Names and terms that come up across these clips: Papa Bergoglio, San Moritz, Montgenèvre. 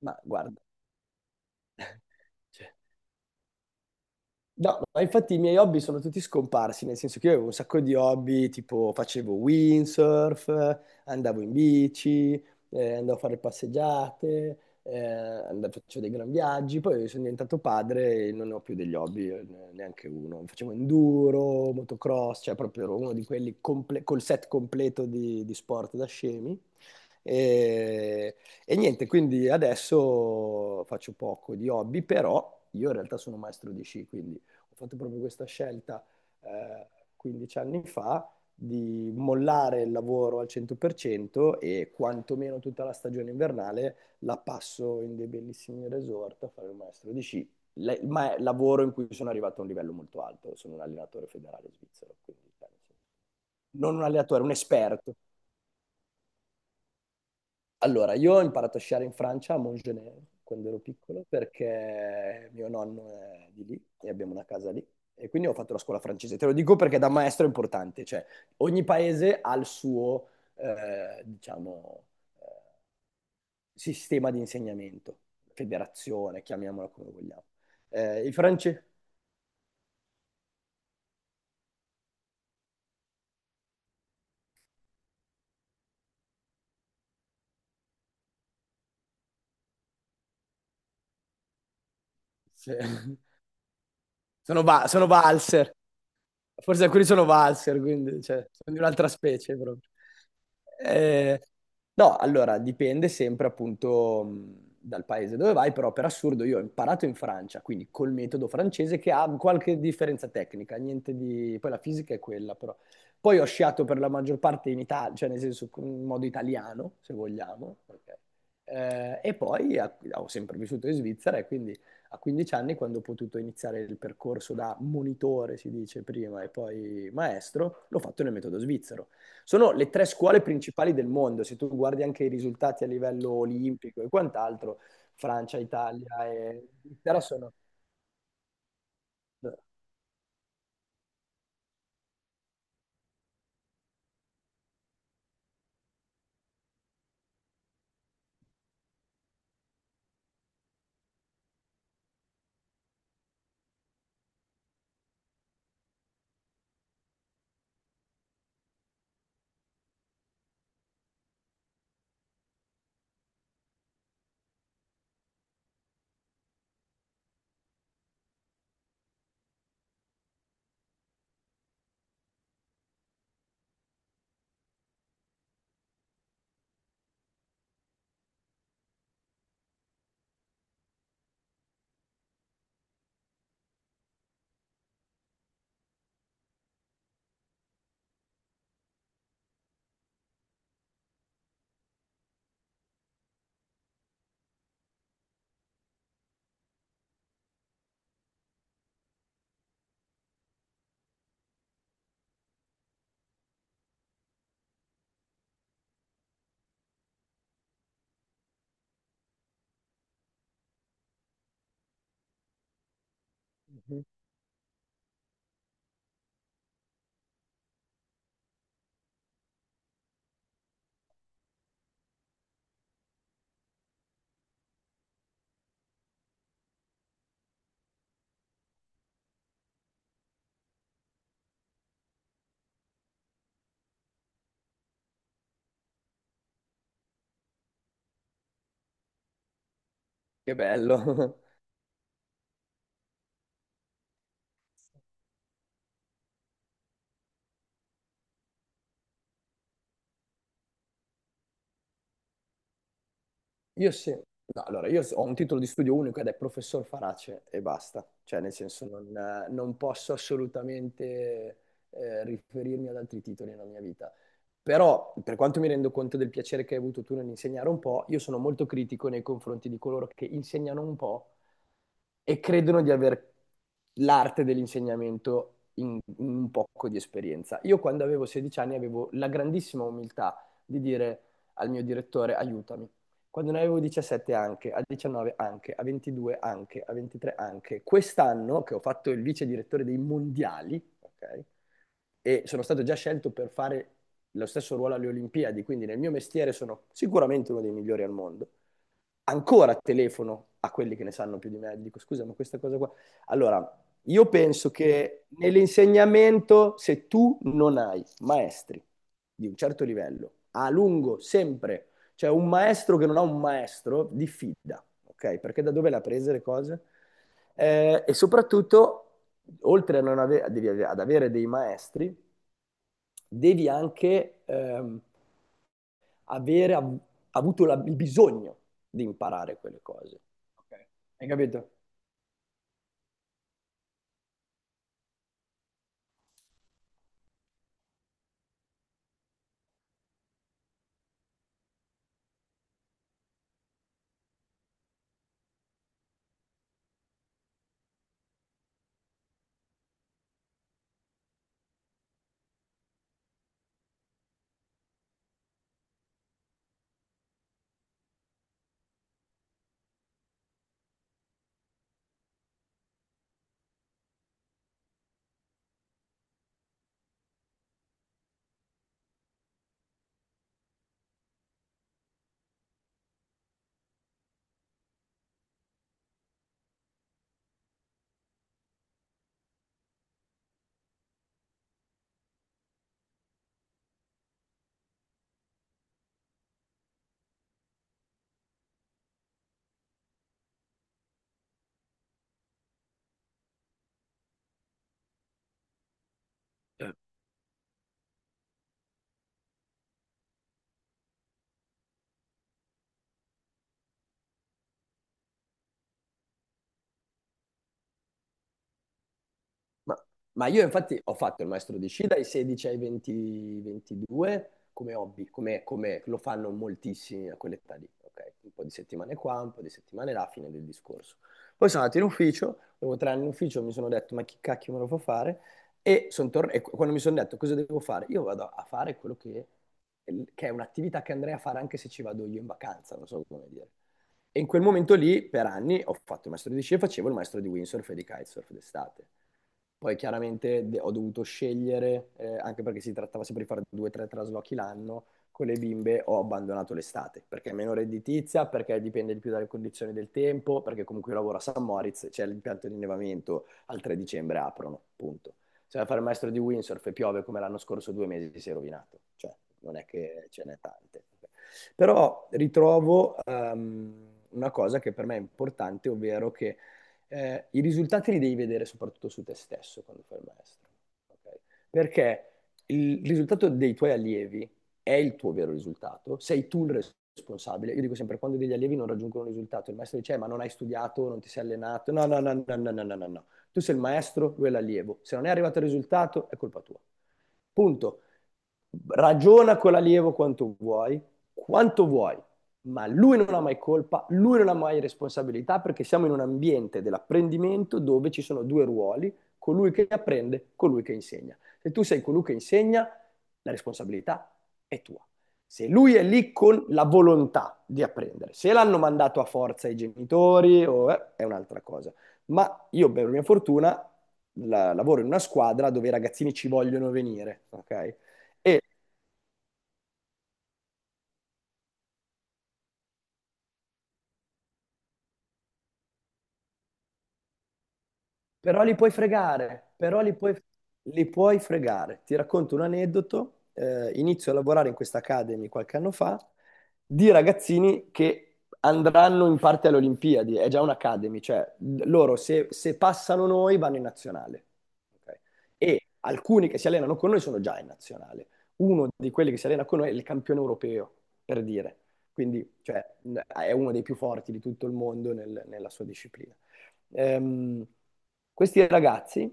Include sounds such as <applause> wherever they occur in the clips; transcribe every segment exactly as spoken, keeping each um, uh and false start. Ma guarda, no, ma infatti i miei hobby sono tutti scomparsi, nel senso che io avevo un sacco di hobby, tipo facevo windsurf, eh, andavo in bici, eh, andavo a fare passeggiate, eh, and- facevo dei gran viaggi, poi sono diventato padre e non ho più degli hobby, eh, neanche uno. Facevo enduro, motocross, cioè proprio ero uno di quelli comple- col set completo di, di sport da scemi. E, e niente, quindi adesso faccio poco di hobby, però io in realtà sono maestro di sci, quindi ho fatto proprio questa scelta eh, quindici anni fa di mollare il lavoro al cento per cento e quantomeno tutta la stagione invernale la passo in dei bellissimi resort a fare il maestro di sci. Le- ma è lavoro in cui sono arrivato a un livello molto alto, sono un allenatore federale svizzero, quindi penso. Non un allenatore, un esperto. Allora, io ho imparato a sciare in Francia, a Montgenèvre, quando ero piccolo, perché mio nonno è di lì e abbiamo una casa lì. E quindi ho fatto la scuola francese. Te lo dico perché da maestro è importante, cioè ogni paese ha il suo, eh, diciamo, eh, sistema di insegnamento, federazione, chiamiamola come vogliamo. Eh, I francesi <laughs> sono, va- sono valser. Forse alcuni sono valzer, quindi cioè, sono di un'altra specie proprio. Eh, no, allora dipende sempre appunto mh, dal paese dove vai, però per assurdo io ho imparato in Francia, quindi col metodo francese che ha qualche differenza tecnica, niente di... poi la fisica è quella però. Poi ho sciato per la maggior parte in Italia, cioè nel senso in modo italiano, se vogliamo, ok? Eh, e poi a- ho sempre vissuto in Svizzera e quindi a quindici anni, quando ho potuto iniziare il percorso da monitore, si dice prima, e poi maestro, l'ho fatto nel metodo svizzero. Sono le tre scuole principali del mondo, se tu guardi anche i risultati a livello olimpico e quant'altro, Francia, Italia e Inghilterra sono... Che bello! <laughs> Io sì, no, allora io ho un titolo di studio unico ed è professor Farace e basta, cioè nel senso non, eh, non posso assolutamente eh, riferirmi ad altri titoli nella mia vita. Però per quanto mi rendo conto del piacere che hai avuto tu nell'insegnare un po', io sono molto critico nei confronti di coloro che insegnano un po' e credono di avere l'arte dell'insegnamento in, in un poco di esperienza. Io quando avevo sedici anni avevo la grandissima umiltà di dire al mio direttore aiutami. Quando ne avevo diciassette anche, a diciannove anche, a ventidue anche, a ventitré anche. Quest'anno che ho fatto il vice direttore dei mondiali, ok? E sono stato già scelto per fare lo stesso ruolo alle Olimpiadi, quindi nel mio mestiere sono sicuramente uno dei migliori al mondo. Ancora telefono a quelli che ne sanno più di me, dico scusa, ma questa cosa qua. Allora, io penso che nell'insegnamento, se tu non hai maestri di un certo livello, a lungo, sempre, cioè un maestro che non ha un maestro, diffida, ok? Perché da dove l'ha presa le cose? Eh, e soprattutto, oltre a non ave- devi ave- ad avere dei maestri, devi anche... ehm, avere av- avuto la- il bisogno di imparare quelle cose. Ok. Hai capito? Ma, ma io infatti ho fatto il maestro di sci dai sedici ai venti ventidue come hobby, come, come lo fanno moltissimi a quell'età lì, ok? Un po' di settimane qua, un po' di settimane là, fine del discorso. Poi sono andato in ufficio, dopo tre anni in ufficio mi sono detto ma chi cacchio me lo fa fare? E, son tor- e qu- quando mi sono detto cosa devo fare, io vado a fare quello che, che è un'attività che andrei a fare anche se ci vado io in vacanza, non so come dire. E in quel momento lì, per anni, ho fatto il maestro di sci e facevo il maestro di windsurf e di kitesurf d'estate. Poi chiaramente de- ho dovuto scegliere, eh, anche perché si trattava sempre di fare due o tre traslochi l'anno, con le bimbe ho abbandonato l'estate, perché è meno redditizia, perché dipende di più dalle condizioni del tempo, perché comunque io lavoro a San Moritz, c'è l'impianto di innevamento, al tre dicembre aprono, punto. Se vai a fare il maestro di windsurf e piove come l'anno scorso, due mesi si è rovinato, cioè non è che ce n'è tante. Però ritrovo ehm, una cosa che per me è importante, ovvero che eh, i risultati li devi vedere soprattutto su te stesso quando fai il maestro. Ok? Perché il risultato dei tuoi allievi è il tuo vero risultato, sei tu il responsabile. Io dico sempre, quando degli allievi non raggiungono un risultato, il maestro dice, eh, ma non hai studiato, non ti sei allenato. No, no, no, no, no, no, no, no, no. Tu sei il maestro, lui è l'allievo. Se non è arrivato il risultato, è colpa tua. Punto. Ragiona con l'allievo quanto vuoi, quanto vuoi, ma lui non ha mai colpa, lui non ha mai responsabilità perché siamo in un ambiente dell'apprendimento dove ci sono due ruoli, colui che apprende, colui che insegna. Se tu sei colui che insegna, la responsabilità è tua. Se lui è lì con la volontà di apprendere, se l'hanno mandato a forza i genitori o, eh, è un'altra cosa. Ma io, per mia fortuna, la- lavoro in una squadra dove i ragazzini ci vogliono venire, ok? E però li puoi fregare, però li puoi, li puoi fregare. Ti racconto un aneddoto. Eh, inizio a lavorare in questa Academy qualche anno fa di ragazzini che andranno in parte alle Olimpiadi. È già un'Academy, cioè loro se, se passano noi vanno in nazionale. Ok? E alcuni che si allenano con noi sono già in nazionale. Uno di quelli che si allena con noi è il campione europeo, per dire. Quindi, cioè, è uno dei più forti di tutto il mondo nel- nella sua disciplina. ehm, Questi ragazzi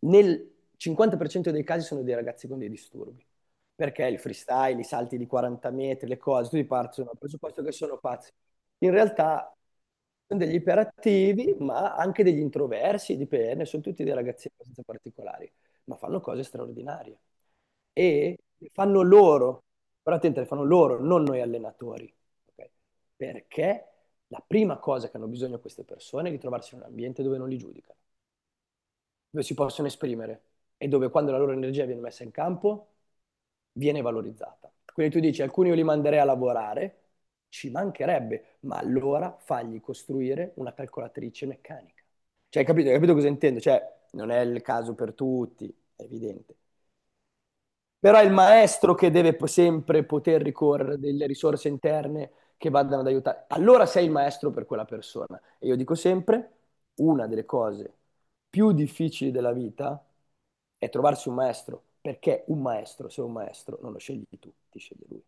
nel cinquanta per cento dei casi sono dei ragazzi con dei disturbi, perché il freestyle, i salti di quaranta metri, le cose, tutti partono dal presupposto che sono pazzi. In realtà sono degli iperattivi, ma anche degli introversi, dipende, sono tutti dei ragazzi abbastanza particolari, ma fanno cose straordinarie. E le fanno loro, però attenti, le fanno loro, non noi allenatori. Ok? Perché? La prima cosa che hanno bisogno queste persone è di trovarsi in un ambiente dove non li giudicano, dove si possono esprimere e dove quando la loro energia viene messa in campo viene valorizzata. Quindi tu dici, alcuni io li manderei a lavorare, ci mancherebbe, ma allora fagli costruire una calcolatrice meccanica. Cioè, hai capito, hai capito cosa intendo? Cioè, non è il caso per tutti, è evidente, però è il maestro che deve po- sempre poter ricorrere a delle risorse interne che vadano ad aiutare. Allora sei il maestro per quella persona. E io dico sempre, una delle cose più difficili della vita è trovarsi un maestro, perché un maestro, se è un maestro, non lo scegli tu, ti sceglie lui.